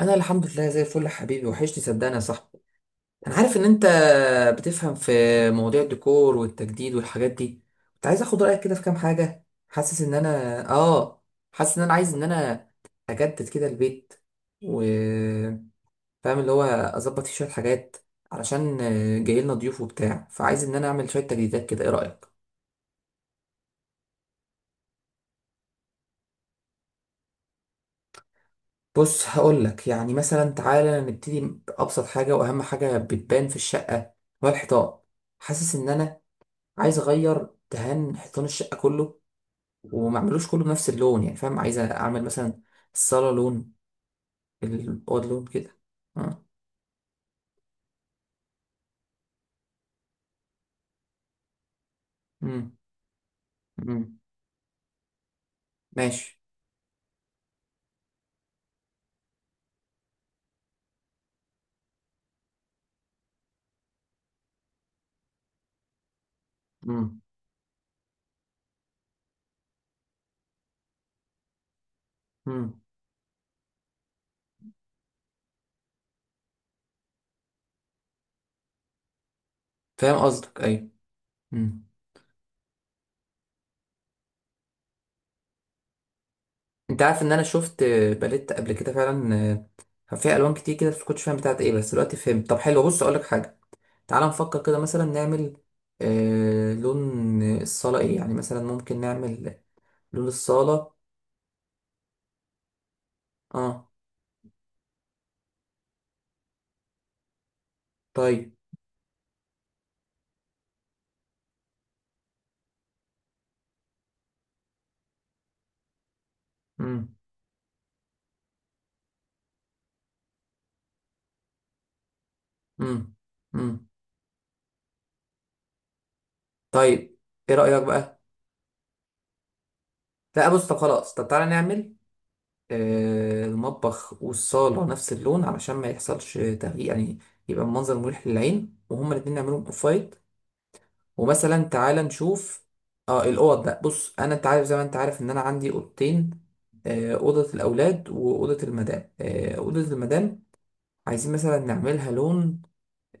انا الحمد لله زي الفل يا حبيبي، وحشني صدقني يا صاحبي. انا عارف ان انت بتفهم في مواضيع الديكور والتجديد والحاجات دي. كنت عايز اخد رايك كده في كام حاجه. حاسس ان انا عايز ان انا اجدد كده البيت، وفاهم اللي هو اظبط فيه شويه حاجات، علشان جاي لنا ضيوف وبتاع، فعايز ان انا اعمل شويه تجديدات كده. ايه رايك؟ بص، هقول لك يعني مثلا، تعالى نبتدي بابسط حاجه واهم حاجه بتبان في الشقه، هو الحيطان. حاسس ان انا عايز اغير دهان حيطان الشقه كله، وما اعملوش كله بنفس اللون يعني، فاهم؟ عايز اعمل مثلا الصاله لون، الاوض لون كده. اه. امم. امم. ماشي. امم. امم. فاهم قصدك، ايوه. امم. انت عارف ان انا شفت باليت قبل كده فعلا، كان فيها الوان كتير كده، بس ما كنتش فاهم بتاعت ايه، بس دلوقتي فهمت. طب حلو، بص اقول لك حاجه، تعال نفكر كده مثلا نعمل لون الصاله ايه، يعني مثلا ممكن نعمل لون الصاله. اه. طيب. امم. امم. طيب ايه رأيك بقى؟ لا بص، طب خلاص، طب تعالى نعمل المطبخ والصالة نفس اللون، علشان ما يحصلش تغيير يعني، يبقى المنظر مريح للعين، وهما الاتنين نعملهم اوف وايت. ومثلا تعالى نشوف اه الاوض بقى. بص انا، انت عارف زي ما انت عارف ان انا عندي اوضتين، اوضة الاولاد واوضة المدام. آه، اوضة المدام عايزين مثلا نعملها لون،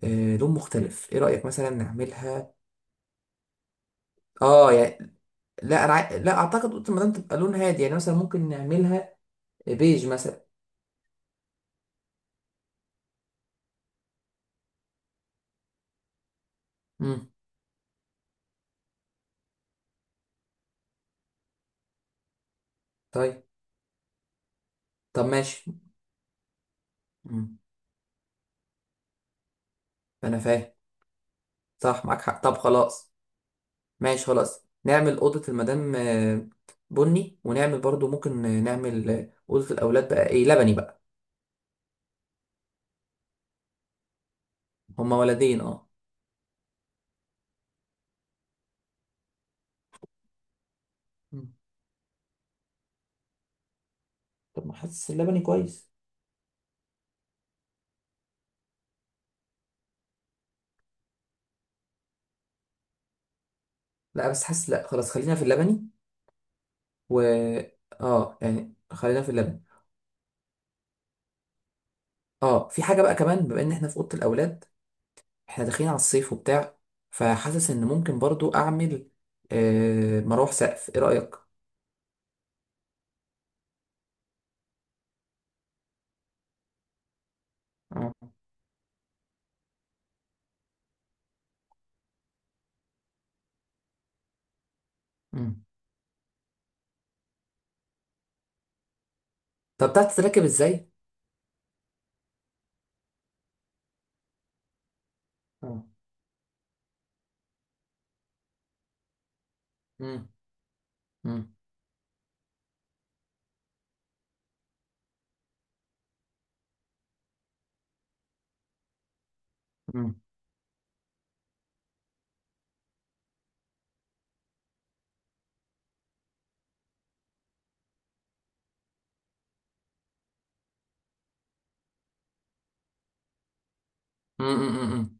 لون مختلف. ايه رأيك مثلا نعملها؟ اه يعني، لا انا عاي- لا اعتقد اوضه المدام تبقى لون هادي، يعني مثلا ممكن نعملها بيج مثلا. امم. طيب. طب ماشي. امم. انا فاهم، صح معاك حق. طب خلاص، ماشي خلاص نعمل اوضه المدام بني، ونعمل برضو ممكن نعمل اوضه الاولاد بقى ايه، لبني بقى. هما ولدين، اه. مم. طب ما حاسس اللبني كويس. لا بس حاسس، لا خلاص، خلينا في اللبني. و اه يعني خلينا في اللبني. اه، في حاجه بقى كمان، بما ان احنا في اوضه الاولاد، احنا داخلين على الصيف وبتاع، فحاسس ان ممكن برضو اعمل مروح سقف. ايه رايك؟ مم. طب بتعرف تتركب ازاي؟ مم. مم. مم. مم. مم. مم. مم.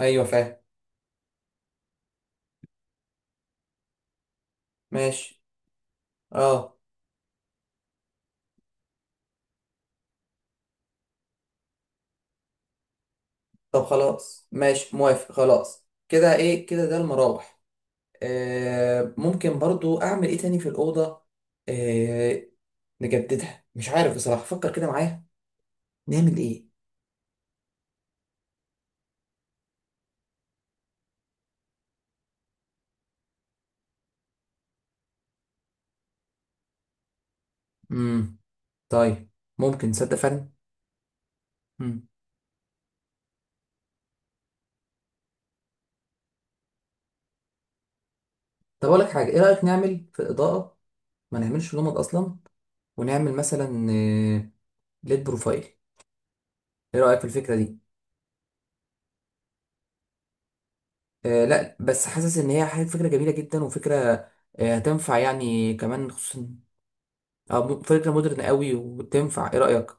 ايوه فاهم. ماشي. اه. طب خلاص ماشي، موافق، خلاص كده، ايه كده، ده المراوح. ممكن برضو اعمل ايه تاني في الاوضه، آه نجددها، مش عارف بصراحه، فكر كده معايا نعمل ايه. مم. طيب. ممكن تصدق فعلا. مم. طب اقول لك حاجه، ايه رايك نعمل في الاضاءه ما نعملش لمبة اصلا، ونعمل مثلا آه، ليد بروفايل. ايه رايك في الفكره دي؟ آه لا، بس حاسس ان هي فكره جميله جدا، وفكره هتنفع يعني، كمان خصوصا. اه، فكره مودرن قوي وتنفع. ايه رايك؟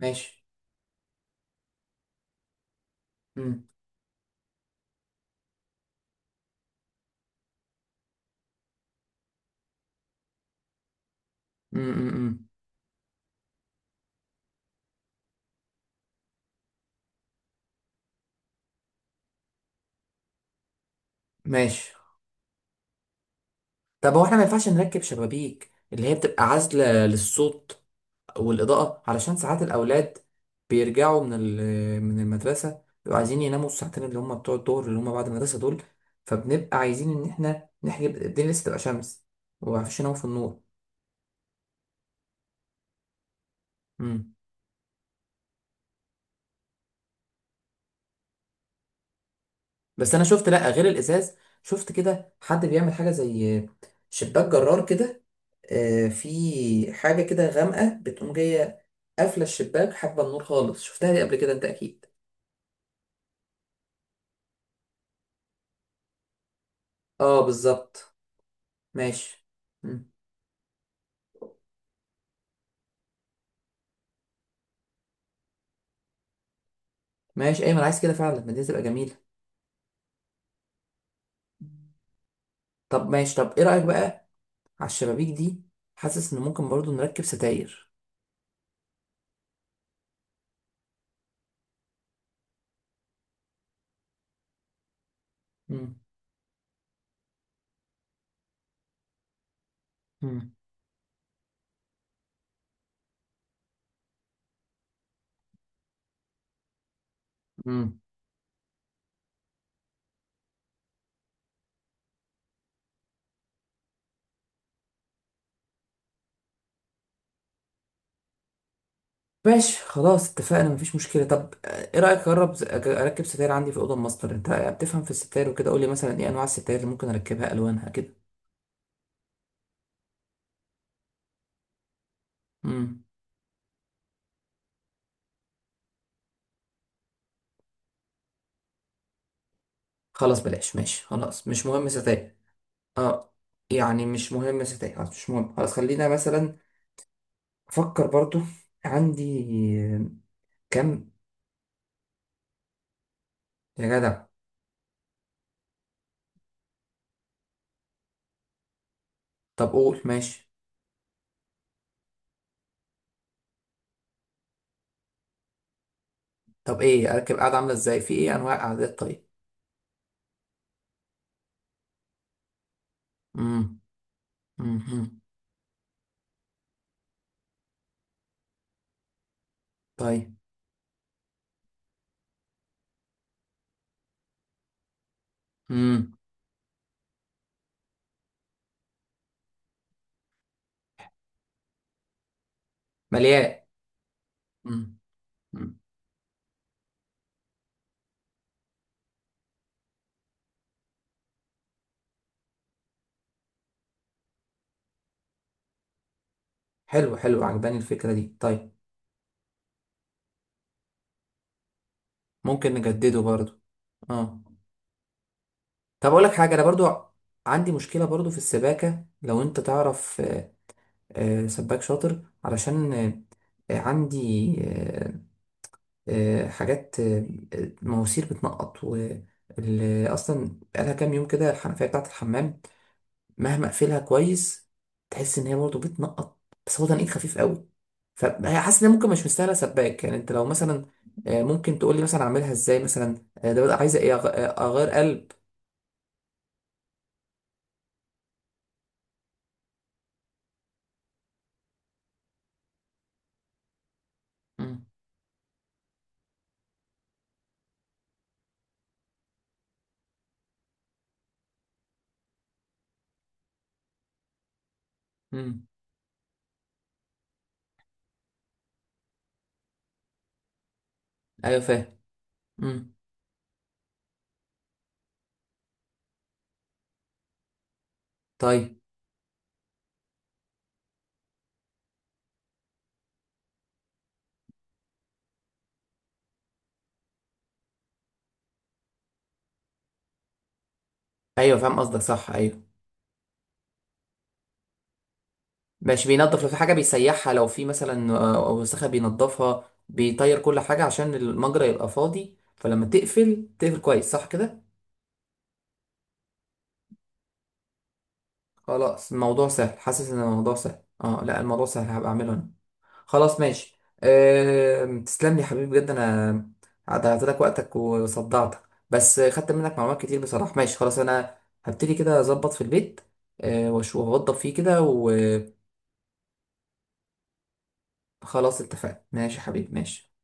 ماشي. امم. امم. ماشي. طب هو احنا ما ينفعش نركب شبابيك اللي هي بتبقى عازله للصوت والاضاءه، علشان ساعات الاولاد بيرجعوا من من المدرسه، بيبقوا عايزين يناموا الساعتين اللي هم بتوع الظهر اللي هم بعد المدرسه دول، فبنبقى عايزين ان احنا نحجب الدنيا لسه تبقى شمس، ومعرفش يناموا في النور. بس انا شفت، لا غير الازاز، شفت كده حد بيعمل حاجه زي شباك جرار كده. في حاجه كده غامقه بتقوم جايه، قافله الشباك، حاجبه النور خالص. شفتها دي قبل كده انت اكيد. اه بالظبط. ماشي. مم. ماشي ايمن، عايز كده فعلا، ما دي تبقى جميله. طب ماشي، طب ايه رايك بقى على الشبابيك دي؟ حاسس ان ممكن برضو نركب ستاير. مم. مم. مم. ماشي خلاص، اتفقنا، مفيش مشكلة. طب، ايه رأيك اجرب اركب ستاير عندي في الأوضة الماستر، انت بتفهم في الستاير وكده. قولي مثلا ايه انواع الستاير اللي ممكن اركبها، الوانها كده. امم. خلاص بلاش، ماشي خلاص، مش مهم ستاير. اه يعني، مش مهم ستاير، خلاص مش مهم، خلاص خلينا مثلا افكر برضو عندي آه، كم. يا جدع. طب قول، ماشي. طب ايه، اركب قاعدة عاملة ازاي، في ايه انواع قعدات؟ طيب. امم. امم. طيب. امم. مليان. امم. حلو حلو، عجباني الفكرة دي. طيب. ممكن نجدده برضو. اه، طب اقول لك حاجة، انا برضو عندي مشكلة برضو في السباكة. لو انت تعرف سباك شاطر، علشان عندي حاجات مواسير بتنقط، و اصلا بقالها كام يوم كده الحنفية بتاعة الحمام، مهما اقفلها كويس، تحس ان هي برضو بتنقط، بس هو تنقيط خفيف قوي، هي حاسس ان هي ممكن مش مستاهله سباك. يعني انت لو مثلا ممكن تقول لي مثلا اعملها ازاي، مثلا ده بقى عايزه ايه، اغير قلب؟ مم. مم. ايوه فاهم. مم. طيب. ايوه فاهم قصدك صح، ايوه. ماشي، بينظف، لو في حاجه بيسيحها، لو في مثلا وسخه بينظفها، بيطير كل حاجه عشان المجرى يبقى فاضي، فلما تقفل تقفل كويس، صح كده؟ خلاص الموضوع سهل، حاسس ان الموضوع سهل، اه لا الموضوع سهل، هبقى اعمله انا. خلاص ماشي، تسلم لي يا حبيبي بجد، انا ضيعت لك وقتك وصدعتك، بس خدت منك معلومات كتير بصراحه. ماشي خلاص، انا هبتدي كده اظبط في البيت، واشوف اوضب فيه كده وخلاص. اتفقنا، ماشي يا حبيبي، ماشي.